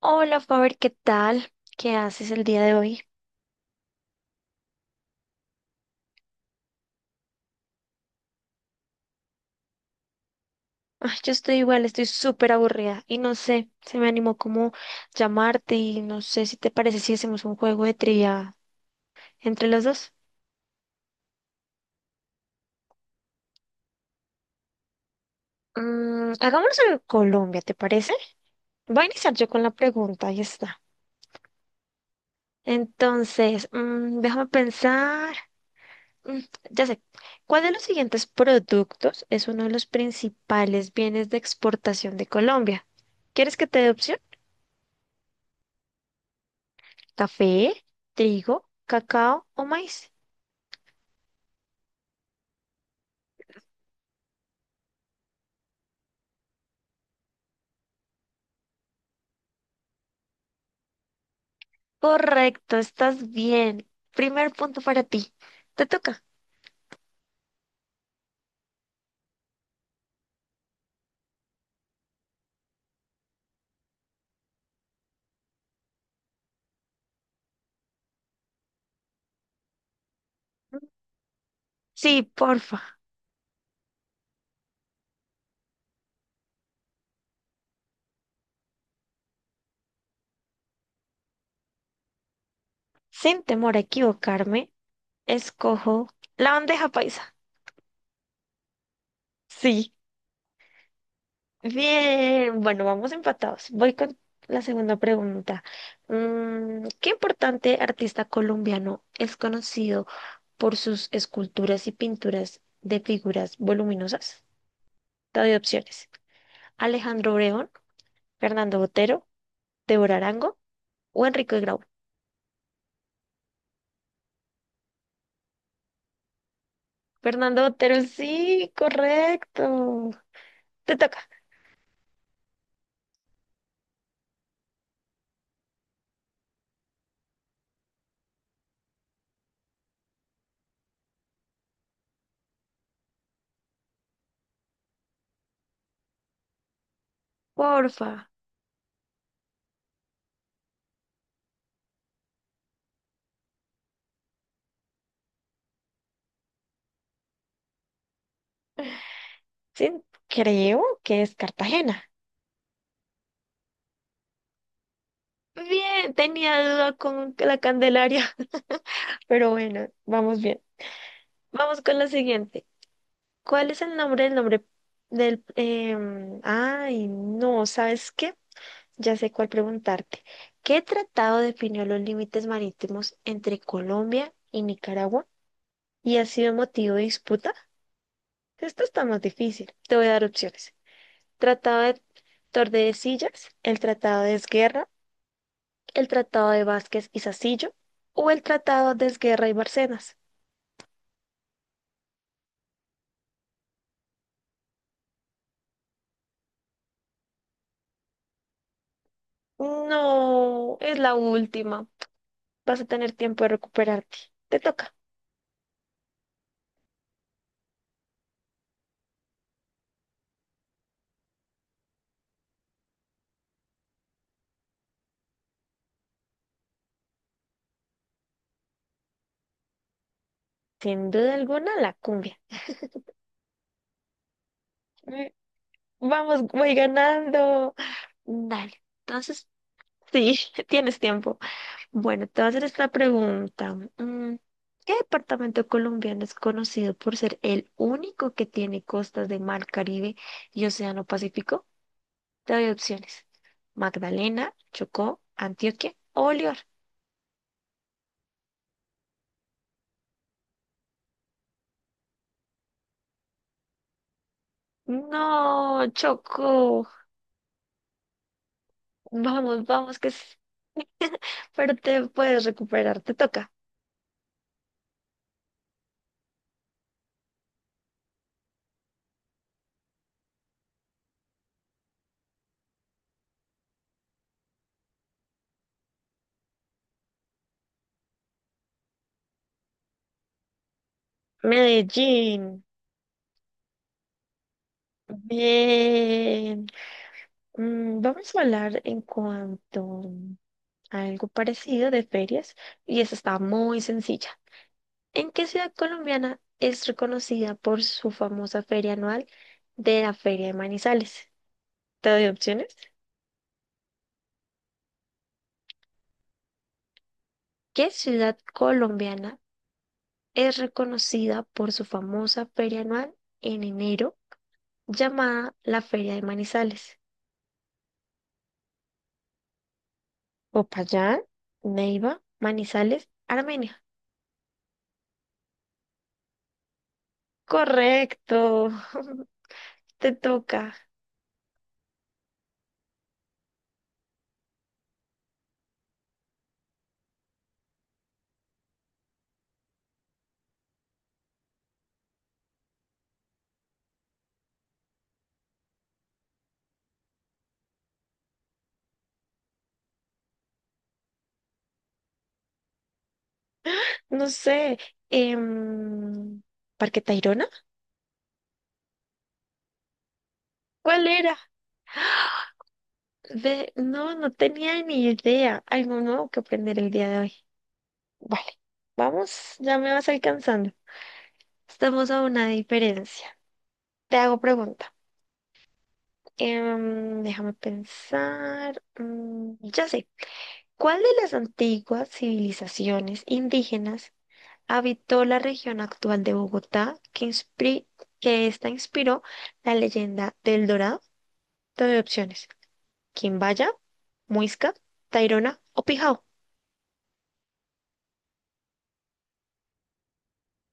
Hola, Faber, ¿qué tal? ¿Qué haces el día de hoy? Ay, yo estoy igual, estoy súper aburrida y no sé, se me animó como llamarte y no sé si te parece si hacemos un juego de trivia entre los dos. Hagámoslo en Colombia, ¿te parece? Voy a iniciar yo con la pregunta, ahí está. Entonces, déjame pensar. Mm, ya sé, ¿cuál de los siguientes productos es uno de los principales bienes de exportación de Colombia? ¿Quieres que te dé opciones? ¿Café, trigo, cacao o maíz? Correcto, estás bien. Primer punto para ti. Te toca. Sí, porfa. Sin temor a equivocarme, escojo la bandeja paisa. Sí. Bien. Bueno, vamos empatados. Voy con la segunda pregunta. ¿Qué importante artista colombiano es conocido por sus esculturas y pinturas de figuras voluminosas? Te doy opciones. Alejandro Obregón, Fernando Botero, Débora Arango o Enrique Grau. Fernando Botero, sí, correcto. Te toca, porfa. Sí, creo que es Cartagena. Bien, tenía duda con la Candelaria, pero bueno, vamos bien. Vamos con la siguiente. ¿Cuál es el nombre del... em, ay, no, ¿sabes qué? Ya sé cuál preguntarte. ¿Qué tratado definió los límites marítimos entre Colombia y Nicaragua y ha sido motivo de disputa? Esto está más difícil. Te voy a dar opciones. Tratado de Tordesillas, el Tratado de Esguerra, el Tratado de Vázquez y Sacillo o el Tratado de Esguerra y Barcenas. No, es la última. Vas a tener tiempo de recuperarte. Te toca. Sin duda alguna, la cumbia. Mm. Vamos, voy ganando. Dale. Entonces, sí, tienes tiempo. Bueno, te voy a hacer esta pregunta. ¿Qué departamento colombiano es conocido por ser el único que tiene costas de Mar Caribe y Océano Pacífico? Te doy opciones. Magdalena, Chocó, Antioquia o Bolívar. No, Chocó. Vamos, vamos, que sí. Pero te puedes recuperar, te toca. Medellín. Bien. Vamos a hablar en cuanto algo parecido de ferias y esta está muy sencilla. ¿En qué ciudad colombiana es reconocida por su famosa feria anual de la Feria de Manizales? Te doy opciones. ¿Qué ciudad colombiana es reconocida por su famosa feria anual en enero llamada la Feria de Manizales? Popayán, Neiva, Manizales, Armenia. Correcto, te toca. No sé, em, Parque Tayrona. ¿Cuál era? De... No, no tenía ni idea. Algo nuevo que aprender el día de hoy. Vale, vamos, ya me vas alcanzando. Estamos a una diferencia. Te hago pregunta. Déjame pensar. Ya sé. ¿Cuál de las antiguas civilizaciones indígenas habitó la región actual de Bogotá que, que esta inspiró la leyenda del Dorado? Te doy opciones. Quimbaya, Muisca, Tairona o Pijao.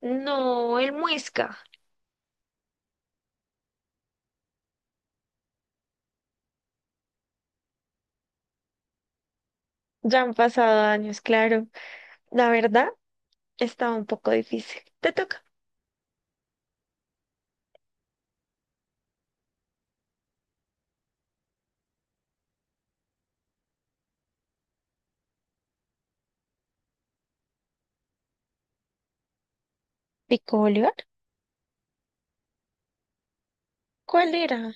No, el Muisca. Ya han pasado años, claro. La verdad, estaba un poco difícil. Te toca. ¿Pico Bolívar? ¿Cuál era?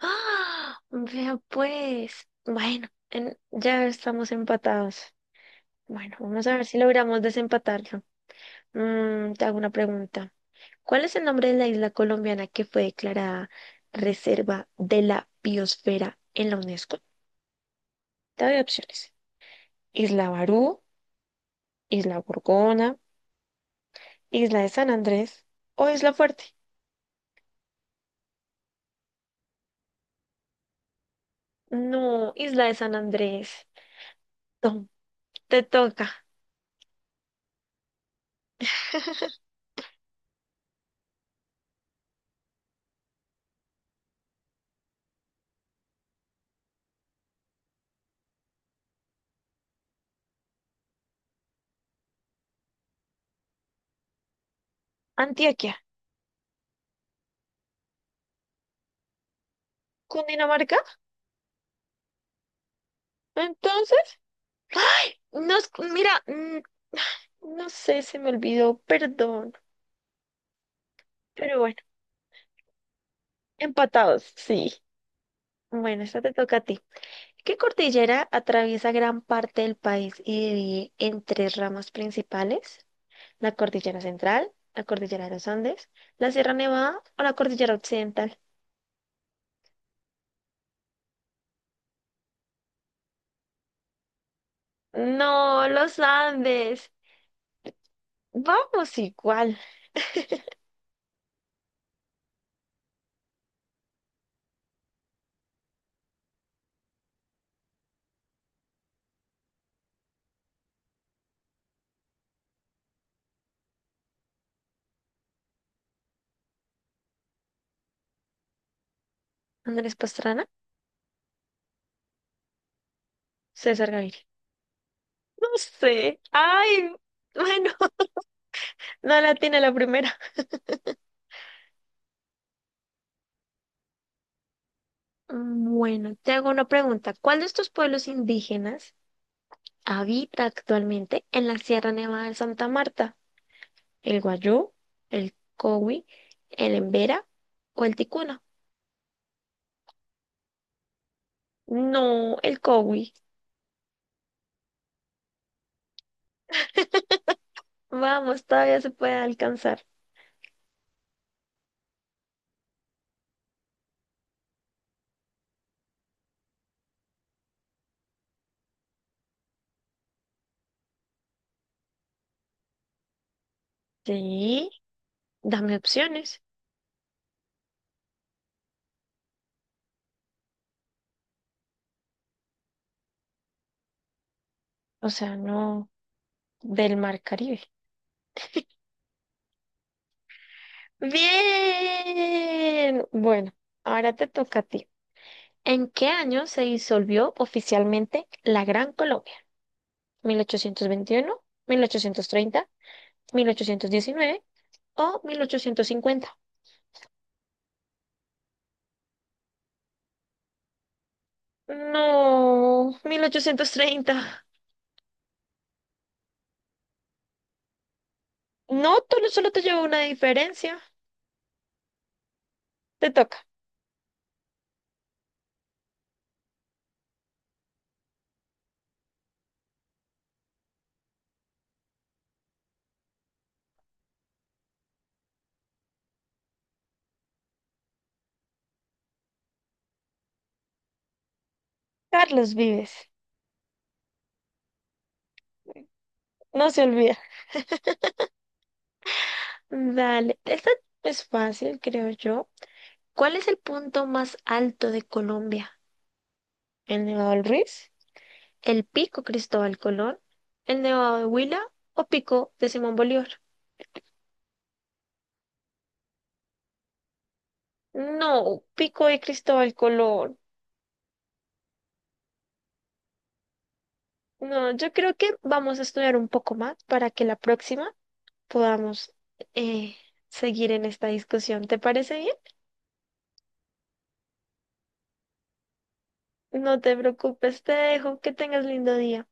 ¡Ah! Vea pues. Bueno, ya estamos empatados. Bueno, vamos a ver si logramos desempatarlo. Te hago una pregunta. ¿Cuál es el nombre de la isla colombiana que fue declarada Reserva de la Biosfera en la UNESCO? Te doy opciones. Isla Barú, Isla Gorgona, Isla de San Andrés o Isla Fuerte. No, Isla de San Andrés. Tom, te toca. Antioquia, Cundinamarca. Entonces, no es, mira, no sé, se me olvidó, perdón. Pero bueno, empatados, sí. Bueno, esta te toca a ti. ¿Qué cordillera atraviesa gran parte del país y divide en tres ramas principales? La cordillera central, la cordillera de los Andes, la Sierra Nevada o la cordillera occidental. No, los Andes. Vamos igual. Andrés Pastrana, César Gaviria. No sé. Ay, bueno, no la tiene la primera. Bueno, te hago una pregunta. ¿Cuál de estos pueblos indígenas habita actualmente en la Sierra Nevada de Santa Marta? ¿El Guayú, el Cowi, el Embera o el Ticuna? No, el Cowi. Vamos, todavía se puede alcanzar. Sí, dame opciones. O sea, no del Mar Caribe. Bien. Bueno, ahora te toca a ti. ¿En qué año se disolvió oficialmente la Gran Colombia? ¿Mil ochocientos veintiuno, 1830, 1819 o 1850? No, 1830. No, tú no- solo te llevo una diferencia. Te toca. Carlos Vives. No se olvida. Dale. Esta es fácil, creo yo. ¿Cuál es el punto más alto de Colombia? ¿El Nevado del Ruiz? ¿El pico Cristóbal Colón? ¿El Nevado de Huila o pico de Simón Bolívar? No, pico de Cristóbal Colón. No, yo creo que vamos a estudiar un poco más para que la próxima podamos eh, seguir en esta discusión. ¿Te parece bien? No te preocupes, te dejo. Que tengas lindo día.